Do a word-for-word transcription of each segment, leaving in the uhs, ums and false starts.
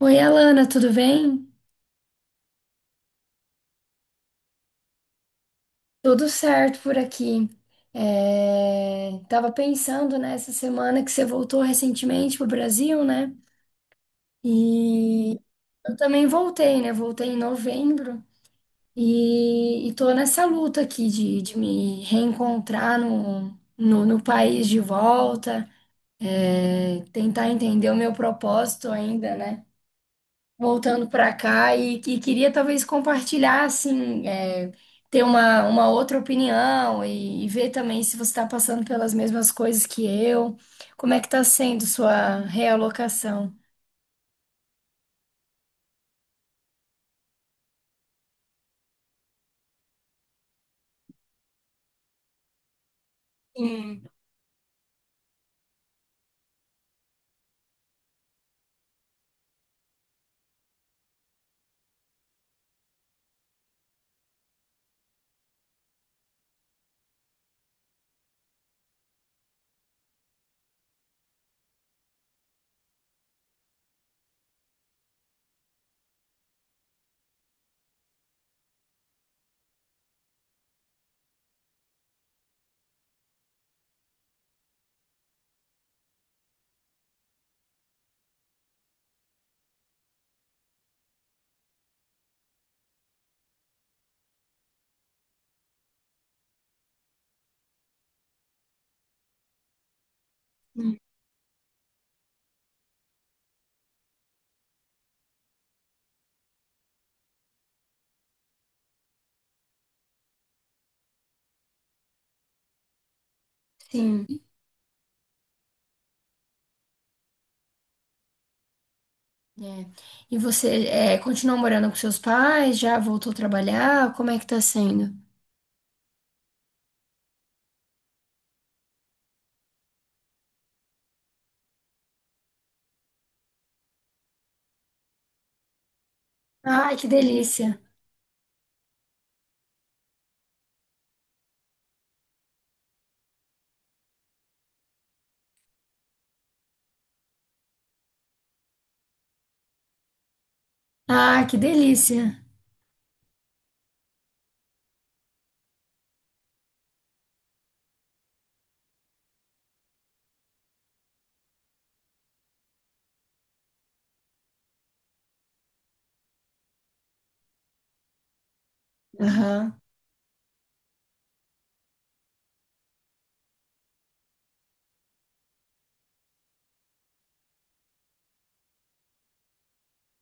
Oi, Alana, tudo bem? Tudo certo por aqui. É... Tava pensando nessa semana que você voltou recentemente pro Brasil, né? E eu também voltei, né? Voltei em novembro e, e tô nessa luta aqui de, de me reencontrar no, no, no país de volta, tentar entender o meu propósito ainda, né? Voltando para cá e, que queria talvez compartilhar, assim, é, ter uma, uma outra opinião e, e ver também se você está passando pelas mesmas coisas que eu, como é que está sendo sua realocação. Sim. Sim. É. E você é, continua morando com seus pais? Já voltou a trabalhar? Como é que tá sendo? Ah, que delícia! Ah, que delícia! Aham.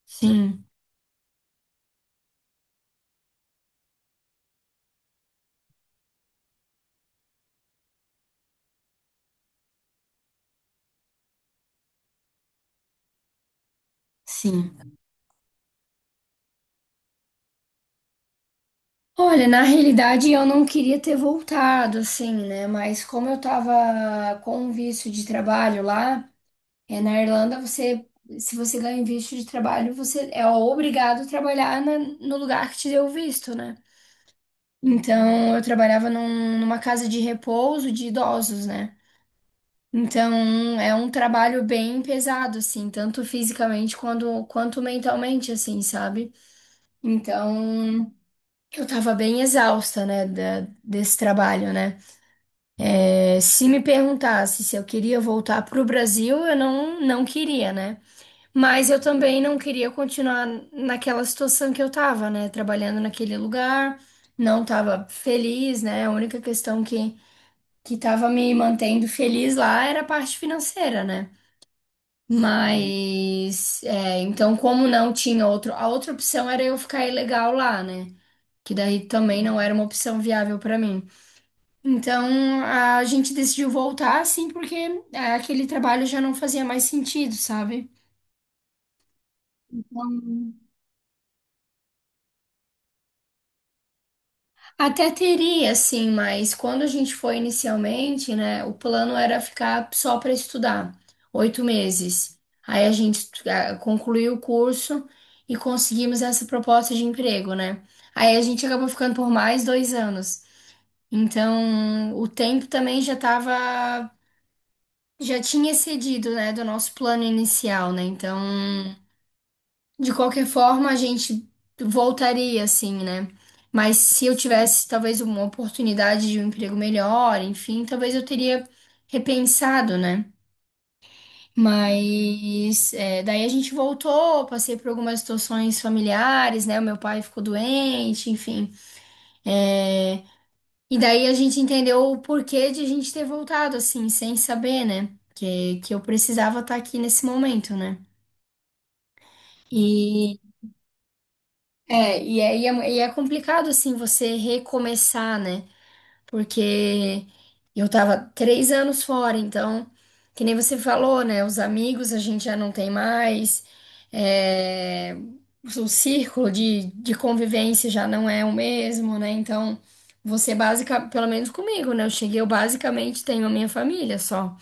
Sim, sim. Olha, na realidade eu não queria ter voltado, assim, né? Mas como eu tava com visto de trabalho lá, é, na Irlanda você, se você ganha um visto de trabalho, você é obrigado a trabalhar na- no lugar que te deu o visto, né? Então eu trabalhava num- numa casa de repouso de idosos, né? Então é um trabalho bem pesado, assim, tanto fisicamente quanto, quanto mentalmente, assim, sabe? Então eu tava bem exausta, né, da- desse trabalho, né? É. Se me perguntasse se eu queria voltar para o Brasil, eu não, não queria, né? Mas eu também não queria continuar naquela situação que eu tava, né? Trabalhando naquele lugar, não tava feliz, né? A única questão que, que tava me mantendo feliz lá era a parte financeira, né? Mas, é, então, como não tinha outro, a outra opção era eu ficar ilegal lá, né? Que daí também não era uma opção viável para mim. Então, a gente decidiu voltar, assim, porque é, aquele trabalho já não fazia mais sentido, sabe? Até teria, assim, mas quando a gente foi inicialmente, né, o plano era ficar só para estudar, oito meses. Aí a gente ah, concluiu o curso e conseguimos essa proposta de emprego, né? Aí a gente acabou ficando por mais dois anos. Então, o tempo também já tava, já tinha excedido, né, do nosso plano inicial, né? Então. De qualquer forma, a gente voltaria, assim, né? Mas se eu tivesse, talvez, uma oportunidade de um emprego melhor, enfim, talvez eu teria repensado, né? Mas é, daí a gente voltou, passei por algumas situações familiares, né? O meu pai ficou doente, enfim. É, e daí a gente entendeu o porquê de a gente ter voltado, assim, sem saber, né? Que, que eu precisava estar aqui nesse momento, né? É, e é, e é, e é complicado, assim, você recomeçar, né? Porque eu tava três anos fora, então, que nem você falou, né? Os amigos a gente já não tem mais, é, o círculo de, de convivência já não é o mesmo, né? Então, você básica, pelo menos comigo, né? Eu cheguei, eu basicamente tenho a minha família só.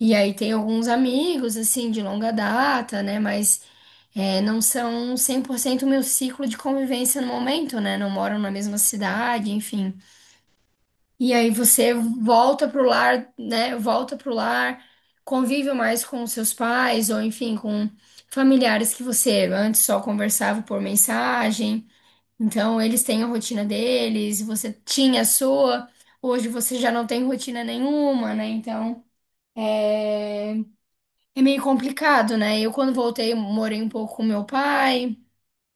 E aí tem alguns amigos, assim, de longa data, né? Mas. É, não são cem por cento o meu ciclo de convivência no momento, né? Não moram na mesma cidade, enfim. E aí você volta pro lar, né? Volta pro lar, convive mais com os seus pais, ou enfim, com familiares que você antes só conversava por mensagem. Então, eles têm a rotina deles, você tinha a sua, hoje você já não tem rotina nenhuma, né? Então. É, é meio complicado, né? Eu, quando voltei, morei um pouco com meu pai.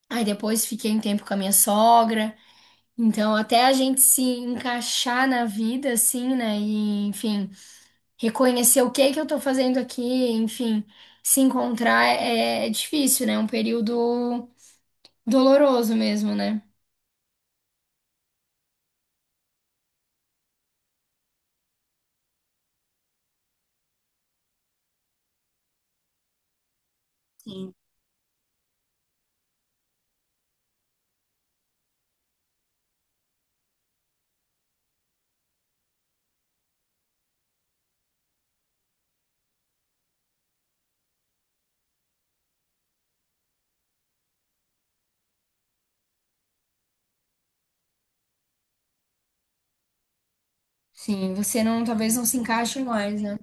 Aí depois fiquei um tempo com a minha sogra. Então, até a gente se encaixar na vida, assim, né? E, enfim, reconhecer o que que eu tô fazendo aqui, enfim, se encontrar é, é difícil, né? É um período doloroso mesmo, né? Sim, você não, talvez não se encaixe mais, né?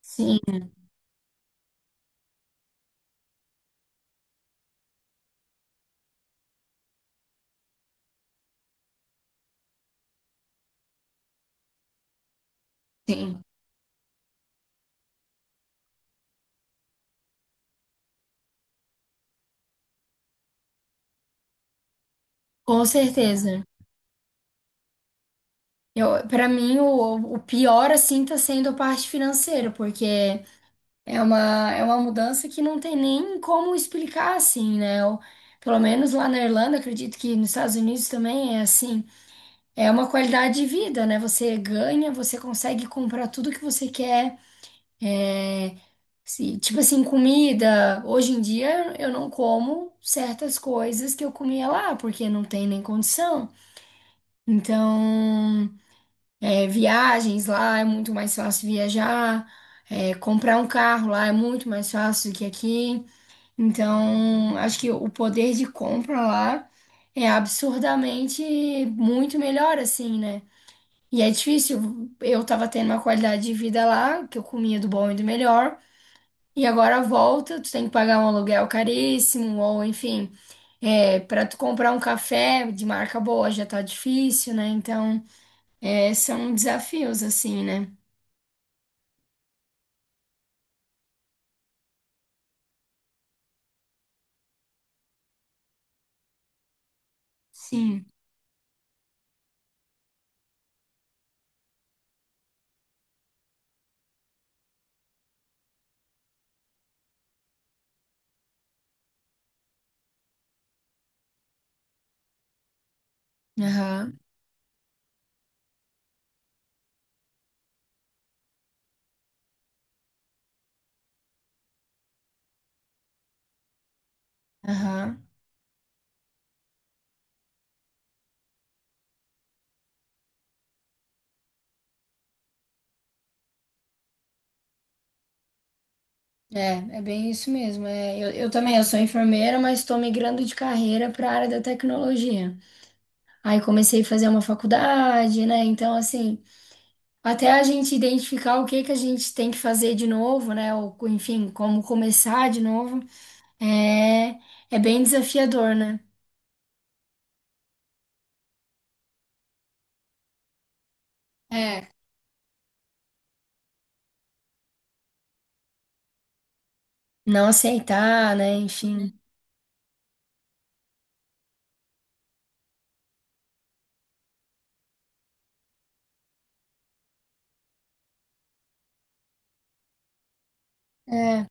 Sim, sim, com certeza. Eu, para mim, o, o pior, assim, tá sendo a parte financeira, porque. É uma, é uma mudança que não tem nem como explicar assim, né? Eu- pelo menos lá na Irlanda, acredito que nos Estados Unidos também é assim. É uma qualidade de vida, né? Você ganha, você consegue comprar tudo que você quer. É, se- tipo assim, comida. Hoje em dia eu não como certas coisas que eu comia lá, porque não tem nem condição. Então, é, viagens lá é muito mais fácil viajar. É, comprar um carro lá é muito mais fácil do que aqui. Então, acho que o poder de compra lá é absurdamente muito melhor, assim, né? E é difícil. Eu tava tendo uma qualidade de vida lá, que eu comia do bom e do melhor, e agora volta, tu tem que pagar um aluguel caríssimo, ou enfim, é, para tu comprar um café de marca boa já tá difícil, né? Então, é, são desafios, assim, né? Sim. Aham, aham. É, é bem isso mesmo. É, eu, eu também, eu sou enfermeira, mas estou migrando de carreira para a área da tecnologia. Aí comecei a fazer uma faculdade, né? Então, assim, até a gente identificar o que que a gente tem que fazer de novo, né? Ou, enfim, como começar de novo, é, é bem desafiador, né? É, não aceitar, né? Enfim, é,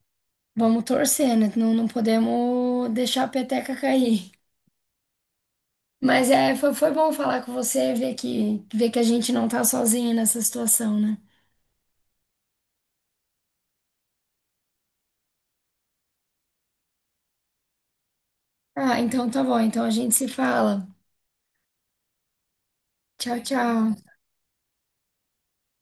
vamos torcer, né? Não, não podemos deixar a peteca cair. Mas é, foi, foi bom falar com você, ver que, ver que a gente não tá sozinha nessa situação, né? Ah, então tá bom. Então a gente se fala. Tchau, tchau.